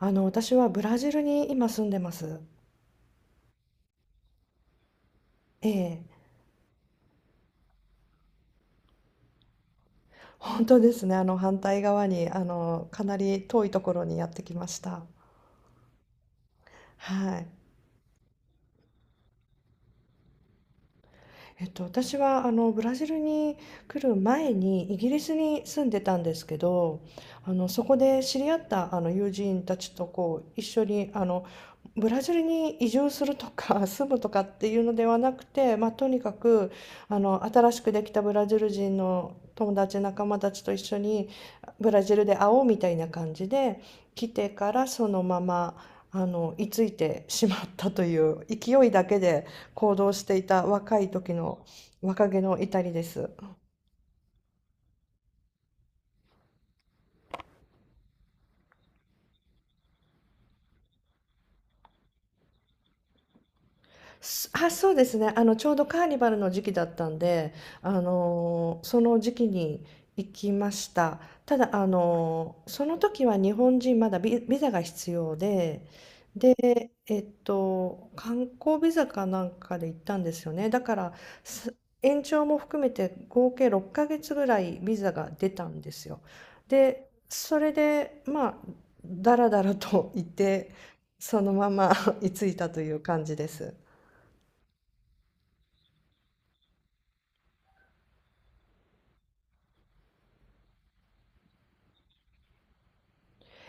私はブラジルに今住んでます。ええ、本当ですね。反対側に、かなり遠いところにやってきました。はい。私はブラジルに来る前にイギリスに住んでたんですけど、そこで知り合った友人たちとこう一緒にブラジルに移住するとか 住むとかっていうのではなくて、まあ、とにかく新しくできたブラジル人の友達仲間たちと一緒にブラジルで会おうみたいな感じで来てからそのまま居ついてしまったという勢いだけで行動していた若い時の若気の至りです。そうですね。ちょうどカーニバルの時期だったんで、その時期に行きました。ただ、その時は日本人まだビザが必要で、で、えっと、観光ビザかなんかで行ったんですよね。だから、す延長も含めて合計6ヶ月ぐらいビザが出たんですよ。で、それで、まあ、だらだらと行って、そのまま 居ついたという感じです。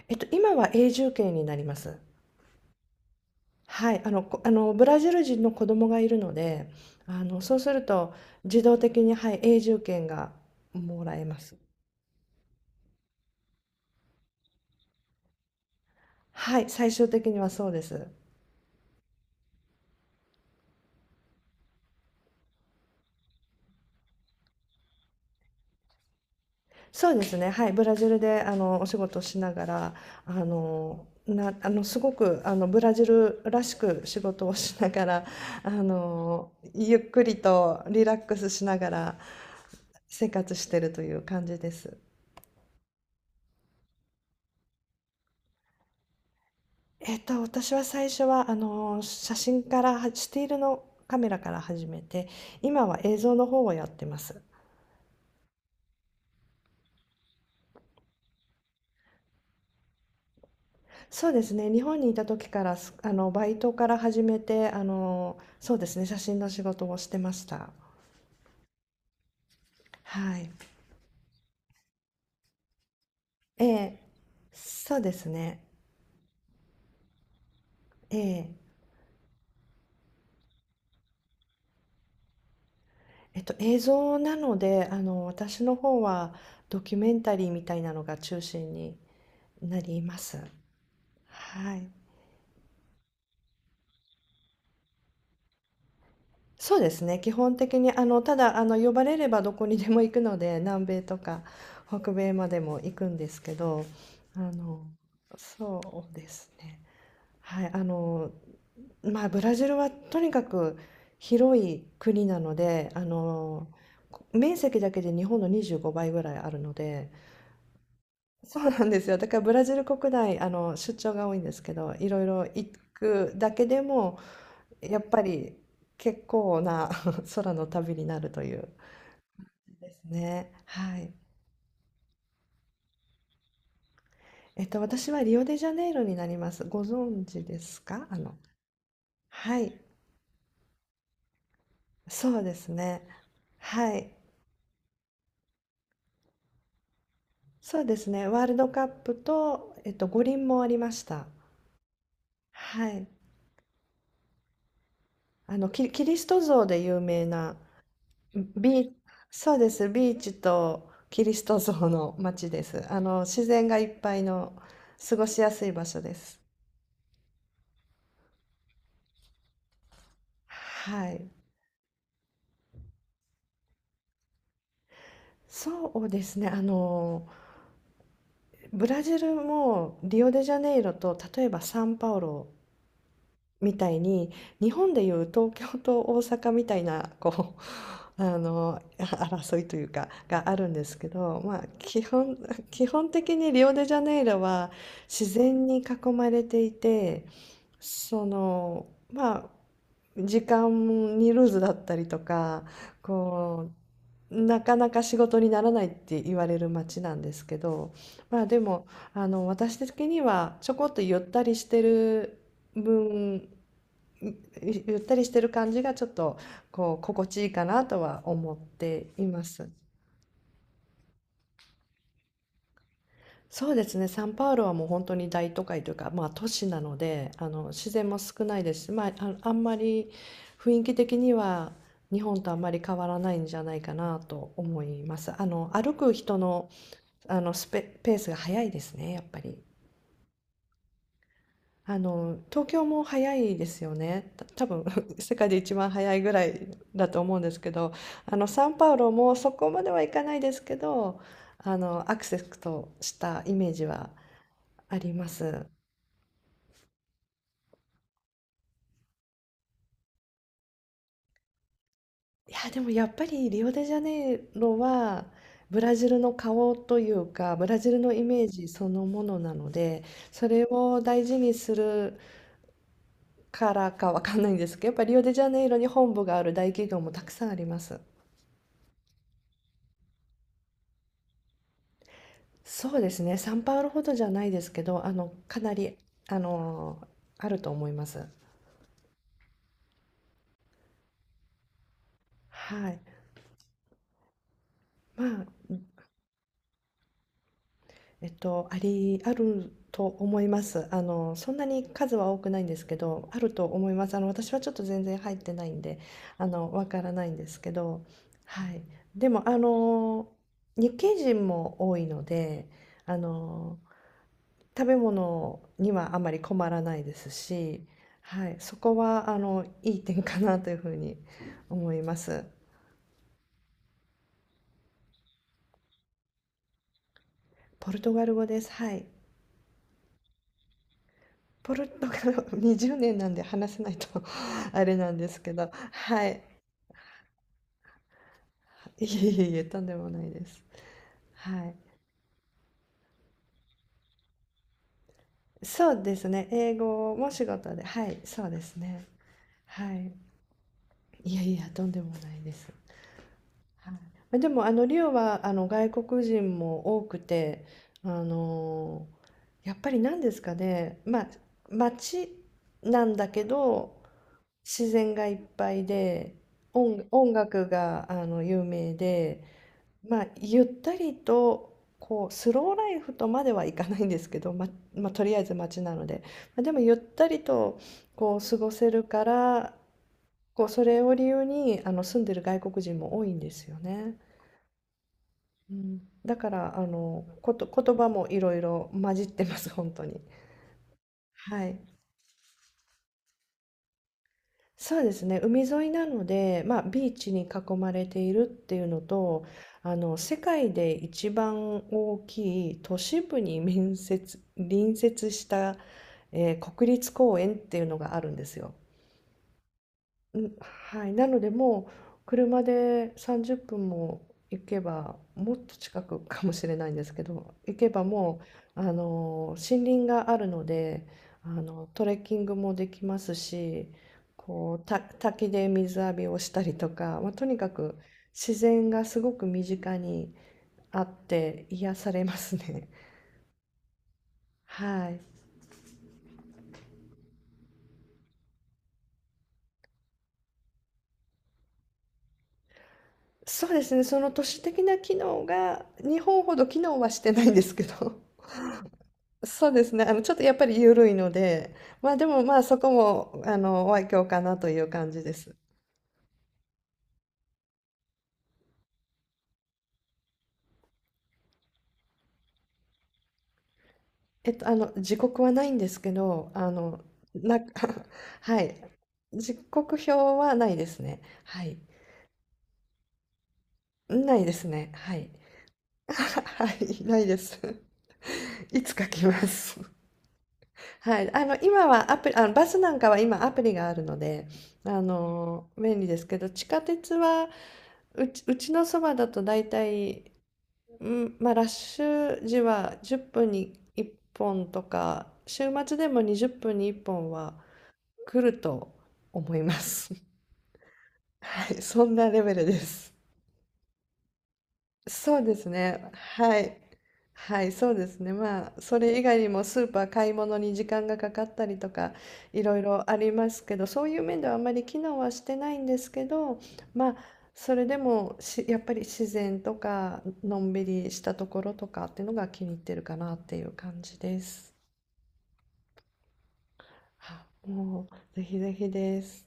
えっと、今は永住権になります。はい、あの、ブラジル人の子供がいるので、あの、そうすると自動的に、はい、永住権がもらえます。はい、最終的にはそうです。そうですね、はい、ブラジルでお仕事をしながら、あのすごくあのブラジルらしく仕事をしながら、あの、ゆっくりとリラックスしながら生活してるという感じです。えっと、私は最初は、あの、写真からは、スティールのカメラから始めて、今は映像の方をやってます。そうですね、日本にいた時から、あの、バイトから始めて、あの、そうですね、写真の仕事をしてました。はい。ええ、そうですね。ええ、えっと、映像なので、あの、私の方はドキュメンタリーみたいなのが中心になります。はい。そうですね、基本的にあの、ただあの、呼ばれればどこにでも行くので、南米とか北米までも行くんですけど、あの、そうですね。はい、あの、まあ、ブラジルはとにかく広い国なので、あの、面積だけで日本の25倍ぐらいあるので、そうなんですよ。だからブラジル国内、あの、出張が多いんですけど、いろいろ行くだけでもやっぱり結構な 空の旅になるというですね。はい。えっと、私はリオデジャネイロになります。ご存知ですか？あの、はい。そうですね。はい。そうですね。ワールドカップと、えっと、五輪もありました。はい。あの、キリスト像で有名な、ビー、そうです。ビーチとキリスト像の街です。あの、自然がいっぱいの過ごしやすい場所です。はい。そうですね。あの、ブラジルもリオデジャネイロと例えばサンパウロみたいに、日本でいう東京と大阪みたいな、こう、あの、争いというか、があるんですけど、まあ、基本的にリオデジャネイロは自然に囲まれていて、その、まあ、時間にルーズだったりとか、こう、なかなか仕事にならないって言われる街なんですけど、まあでも、あの、私的にはちょこっとゆったりしてる分、ゆゆったりしてる感じがちょっとこう心地いいかなとは思っています。そうですね、サンパウロはもう本当に大都会というか、まあ、都市なので、あの、自然も少ないですし、まあ、あの、あんまり雰囲気的には日本とあんまり変わらないんじゃないかなと思います。あの、歩く人の、あの、ペースが速いですね、やっぱり。あの、東京も早いですよね。多分 世界で一番早いぐらいだと思うんですけど、あの、サンパウロもそこまではいかないですけど、あの、アクセスとしたイメージはあります。いや、でもやっぱりリオデジャネイロはブラジルの顔というか、ブラジルのイメージそのものなので、それを大事にするからかわかんないんですけど、やっぱリオデジャネイロに本部がある大企業もたくさんあります。そうですね、サンパウロほどじゃないですけど、あの、かなり、あの、あると思います。はい。まあ、えっと、あると思います。あの、そんなに数は多くないんですけど、あると思います。あの、私はちょっと全然入ってないんで、あの、わからないんですけど、はい。でも、あの、日系人も多いので、あの、食べ物にはあまり困らないですし、はい。そこは、あの、いい点かなというふうに思います。ポルトガル語です。はい。ポルトガルは20年なんで話せないと あれなんですけど、はい。いえいえいえ、とんでもないです。はい。そうですね。英語も仕事で、はい、そうですね。はい。いやいや、とんでもないです。はい。までも、あの、リオは、あの、外国人も多くて、あのやっぱり何ですかね、まあ、街なんだけど、自然がいっぱいで、音楽が、あの、有名で、まあ、ゆったりとこうスローライフとまではいかないんですけど、まあ、とりあえず街なので、まあ、でもゆったりとこう過ごせるからこうそれを理由にあの住んでる外国人も多いんですよね。うん、だからあのこと言葉もいろいろ混じってます本当に。はい。そうですね、海沿いなので、まあ、ビーチに囲まれているっていうのと、あの、世界で一番大きい都市部に隣接した、国立公園っていうのがあるんですよ。うん、はい、なのでもう車で30分も行けばもっと近くかもしれないんですけど行けばもう森林があるのであのトレッキングもできますしこう滝で水浴びをしたりとか、まあ、とにかく自然がすごく身近にあって癒されますね。はい、そうですね、その都市的な機能が日本ほど機能はしてないんですけど。そうですね。あの、ちょっとやっぱり緩いので、まあでもまあそこも、あの、お愛嬌かなという感じです。えっと、あの、時刻はないんですけど、な、はい。時刻表はないですね。はい。ないですね。はい。はい、ないです。いつ書きます。はい。あの、今はアプリ、あの、バスなんかは今アプリがあるので、あの、便利ですけど、地下鉄は、うちのそばだと大体うん、まあ、ラッシュ時は10分に1本とか、週末でも20分に1本は来ると思います。はい、そんなレベルです。そうですね。はい。はい、そうですね。まあ、それ以外にもスーパー買い物に時間がかかったりとか、いろいろありますけど、そういう面ではあまり機能はしてないんですけど、まあ、それでもし、やっぱり自然とか、のんびりしたところとかっていうのが気に入ってるかなっていう感じです。あもう、ぜひぜひです。